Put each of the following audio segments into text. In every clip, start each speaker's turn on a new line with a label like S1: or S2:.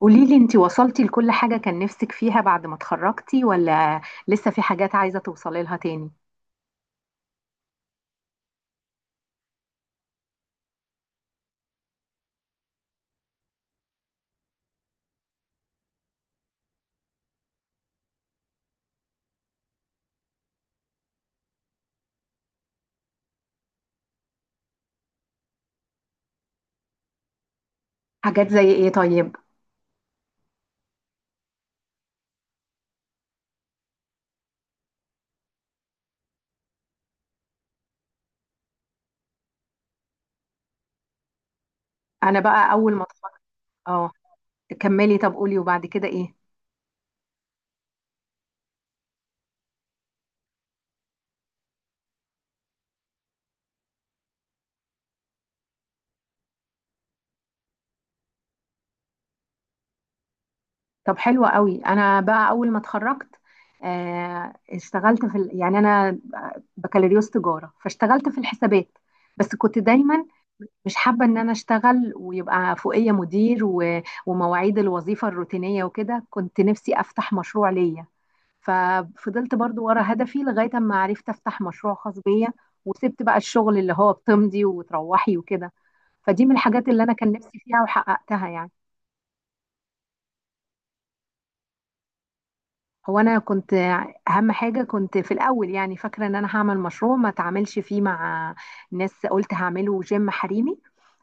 S1: قوليلي انتي وصلتي لكل حاجة كان نفسك فيها بعد ما اتخرجتي ولا لسه في حاجات عايزة توصلي لها تاني؟ حاجات زي ايه طيب؟ انا بقى اول ما اتخرجت. اه، كملي. طب قولي وبعد كده ايه؟ طب حلوة قوي. انا بقى اول ما اتخرجت اشتغلت في ال... يعني بكالوريوس تجارة، فاشتغلت في الحسابات. بس كنت دايما مش حابة ان انا اشتغل ويبقى فوقية مدير و... ومواعيد الوظيفة الروتينية وكده. كنت نفسي افتح مشروع ليا، ففضلت برضو ورا هدفي لغاية اما عرفت افتح مشروع خاص بيا، وسبت بقى الشغل اللي هو بتمضي وتروحي وكده. فدي من الحاجات اللي انا كان نفسي فيها وحققتها. هو انا كنت اهم حاجه كنت في الاول، فاكره ان انا هعمل مشروع ما اتعاملش فيه مع ناس. قلت هعمله جيم حريمي،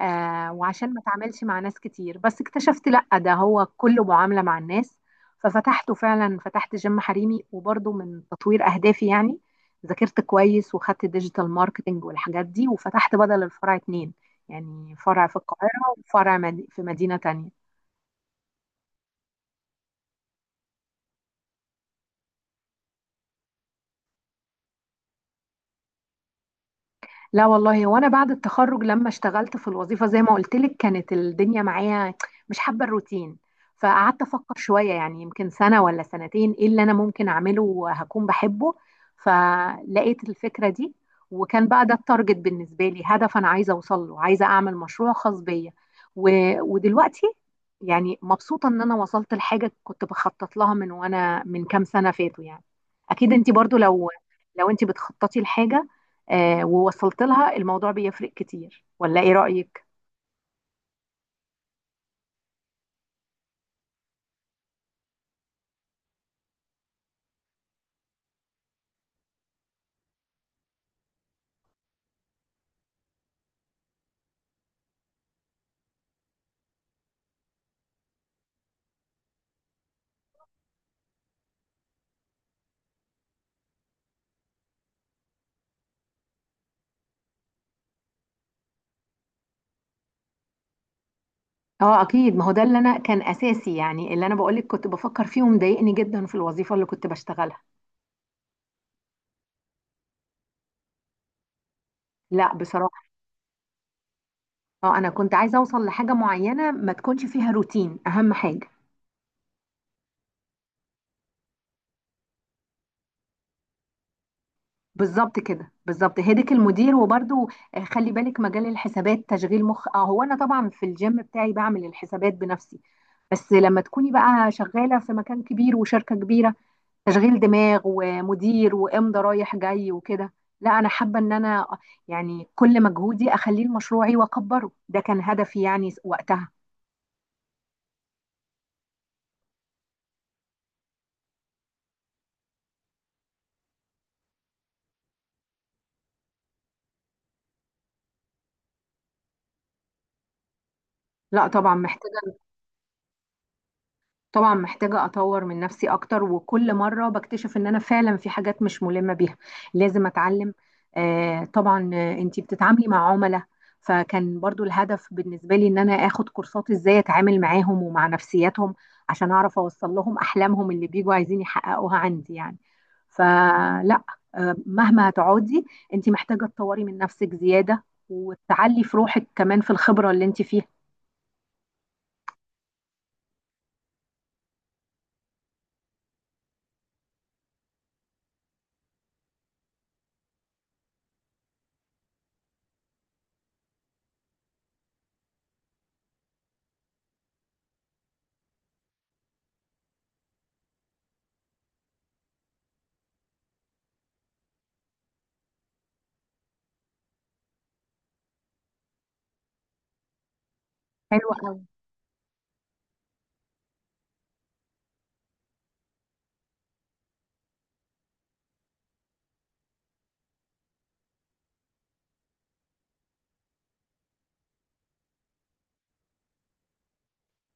S1: وعشان ما اتعاملش مع ناس كتير. بس اكتشفت لا، ده هو كله معامله مع الناس. ففتحته فعلا، فتحت جيم حريمي، وبرضه من تطوير اهدافي يعني ذاكرت كويس وخدت ديجيتال ماركتنج والحاجات دي، وفتحت بدل الفرع اتنين، يعني فرع في القاهره وفرع في مدينه تانية. لا والله، وانا بعد التخرج لما اشتغلت في الوظيفه زي ما قلت لك كانت الدنيا معايا مش حابه الروتين، فقعدت افكر شويه يعني يمكن سنه ولا سنتين ايه اللي انا ممكن اعمله وهكون بحبه، فلقيت الفكره دي. وكان بقى ده التارجت بالنسبه لي، هدف انا عايزه اوصل له، عايزه اعمل مشروع خاص بيا و... ودلوقتي يعني مبسوطه ان انا وصلت لحاجه كنت بخطط لها من وانا من كام سنه فاتوا يعني. اكيد انت برضو لو لو انت بتخططي لحاجه ووصلت لها الموضوع بيفرق كتير، ولا ايه رأيك؟ اه اكيد، ما هو ده اللي انا كان اساسي يعني اللي انا بقولك كنت بفكر فيه ومضايقني جدا في الوظيفه اللي كنت بشتغلها. لا بصراحه، اه انا كنت عايزه اوصل لحاجه معينه ما تكونش فيها روتين، اهم حاجه. بالظبط كده، بالظبط هدك المدير. وبرده خلي بالك مجال الحسابات تشغيل مخ. اه، هو انا طبعا في الجيم بتاعي بعمل الحسابات بنفسي، بس لما تكوني بقى شغاله في مكان كبير وشركه كبيره تشغيل دماغ ومدير وامضى رايح جاي وكده. لا، انا حابه ان انا يعني كل مجهودي اخليه لمشروعي واكبره، ده كان هدفي يعني وقتها. لا طبعا محتاج، طبعا محتاجة أطور من نفسي أكتر، وكل مرة بكتشف إن أنا فعلا في حاجات مش ملمة بيها، لازم أتعلم. طبعا، أنتي بتتعاملي مع عملاء، فكان برضو الهدف بالنسبة لي إن أنا آخد كورسات إزاي أتعامل معاهم ومع نفسياتهم عشان أعرف أوصل لهم أحلامهم اللي بيجوا عايزين يحققوها عندي يعني. فلا، مهما هتقعدي أنتي محتاجة تطوري من نفسك زيادة، وتعلي في روحك كمان في الخبرة اللي أنتي فيها. حلوة.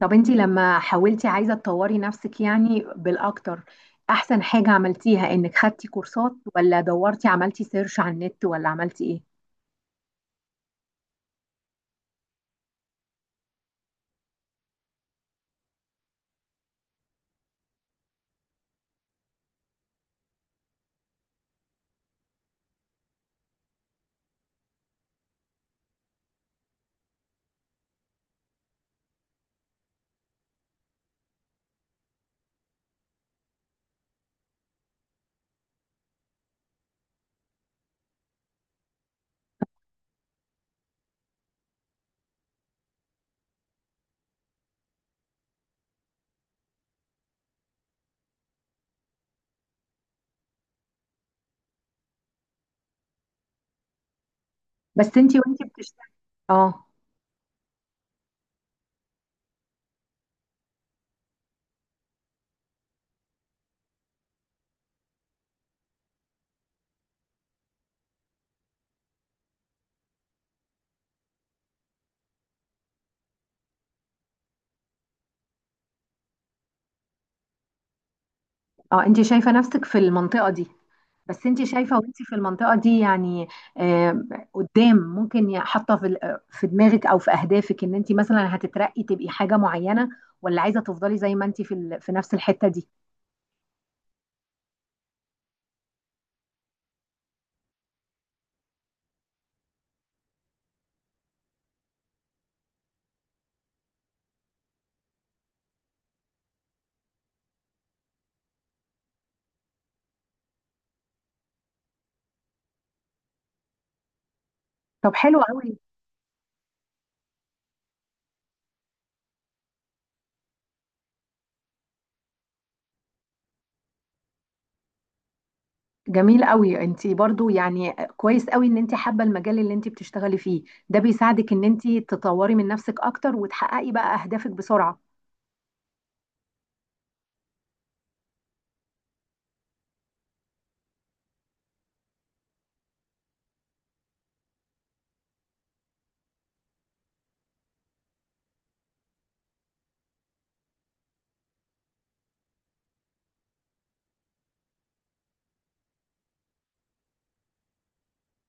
S1: طب انتي لما حاولتي عايزة تطوري نفسك يعني بالأكتر، أحسن حاجة عملتيها إنك خدتي كورسات، ولا دورتي عملتي سيرش على النت، ولا عملتي إيه؟ بس انتي وانتي بتشتغلي. اه. اه، انتي شايفة نفسك في المنطقة دي؟ بس انتي شايفة وانتي في المنطقة دي يعني آه قدام ممكن حاطة في في دماغك أو في أهدافك إن انتي مثلا هتترقي تبقي حاجة معينة، ولا عايزة تفضلي زي ما انتي في في نفس الحتة دي؟ طب حلو قوي. جميل قوي. انت برضو يعني كويس قوي ان انت حابه المجال اللي انت بتشتغلي فيه، ده بيساعدك ان انت تطوري من نفسك اكتر وتحققي بقى اهدافك بسرعه.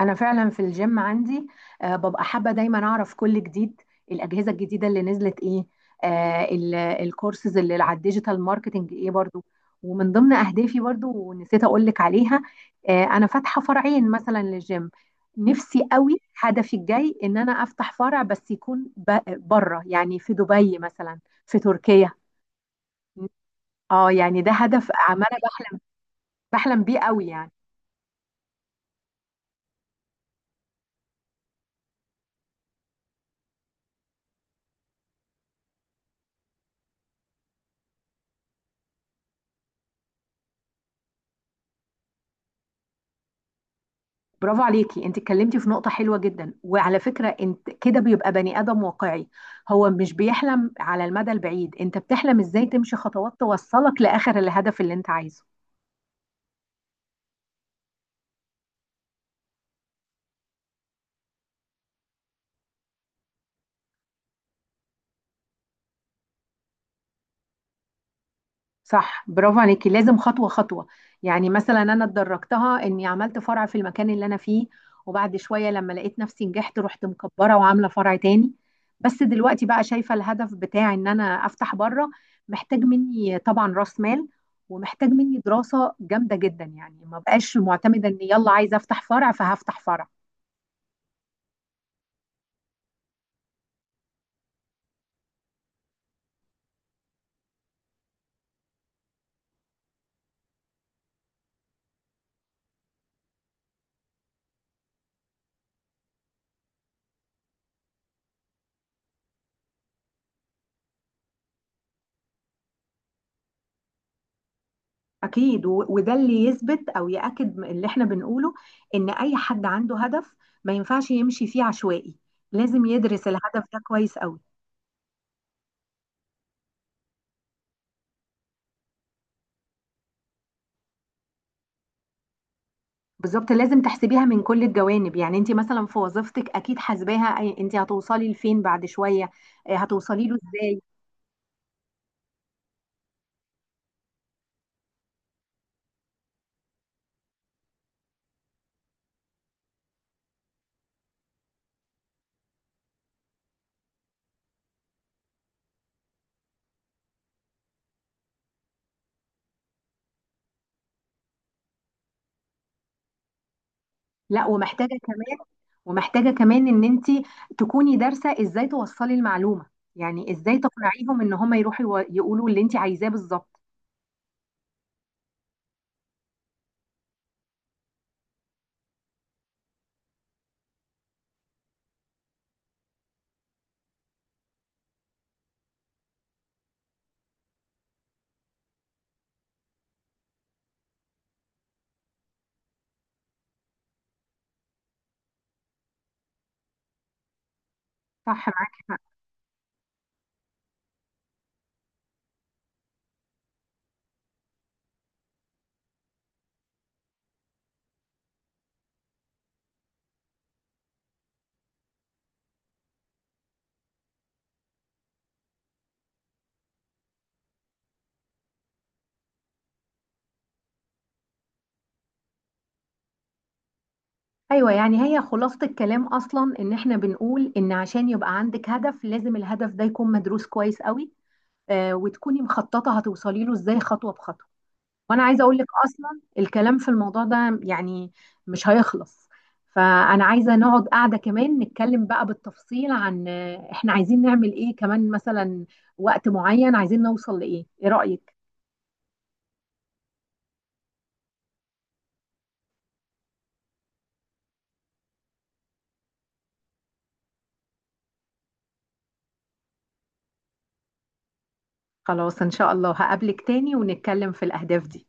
S1: انا فعلا في الجيم عندي ببقى حابه دايما اعرف كل جديد، الاجهزه الجديده اللي نزلت ايه، الكورسز اللي على الديجيتال ماركتنج ايه برضو. ومن ضمن اهدافي برضو ونسيت اقول لك عليها، انا فاتحه فرعين مثلا للجيم. نفسي قوي، هدفي الجاي ان انا افتح فرع بس يكون بره، يعني في دبي مثلا، في تركيا. اه يعني ده هدف عماله بحلم، بحلم بيه قوي يعني. برافو عليكي، انت اتكلمتي في نقطة حلوة جدا، وعلى فكرة انت كده بيبقى بني آدم واقعي، هو مش بيحلم على المدى البعيد، انت بتحلم ازاي تمشي خطوات توصلك لآخر الهدف اللي انت عايزه. صح، برافو عليكي، لازم خطوة خطوة. يعني مثلا أنا اتدرجتها إني عملت فرع في المكان اللي أنا فيه، وبعد شوية لما لقيت نفسي نجحت رحت مكبرة وعاملة فرع تاني. بس دلوقتي بقى شايفة الهدف بتاع إن أنا أفتح بره، محتاج مني طبعا رأس مال، ومحتاج مني دراسة جامدة جدا، يعني ما بقاش معتمدة إن يلا عايزة أفتح فرع فهفتح فرع. أكيد، وده اللي يثبت أو يأكد اللي إحنا بنقوله، إن أي حد عنده هدف ما ينفعش يمشي فيه عشوائي، لازم يدرس الهدف ده كويس قوي. بالظبط، لازم تحسبيها من كل الجوانب. يعني أنت مثلا في وظيفتك أكيد حاسباها أنت هتوصلي لفين بعد شوية، هتوصلي له إزاي. لا، ومحتاجة كمان، ومحتاجة كمان إن أنت تكوني دارسة إزاي توصلي المعلومة، يعني إزاي تقنعيهم إن هم يروحوا يقولوا اللي أنت عايزاه بالظبط. صح، معاكي حق. ايوه، يعني هي خلاصة الكلام اصلا ان احنا بنقول ان عشان يبقى عندك هدف لازم الهدف ده يكون مدروس كويس قوي، وتكوني مخططة هتوصلي له ازاي خطوة بخطوة. وانا عايزة اقول لك اصلا الكلام في الموضوع ده يعني مش هيخلص، فانا عايزة نقعد قاعدة كمان نتكلم بقى بالتفصيل عن احنا عايزين نعمل ايه كمان، مثلا وقت معين عايزين نوصل لايه، ايه رأيك؟ خلاص ان شاء الله، هقابلك تاني ونتكلم في الاهداف دي.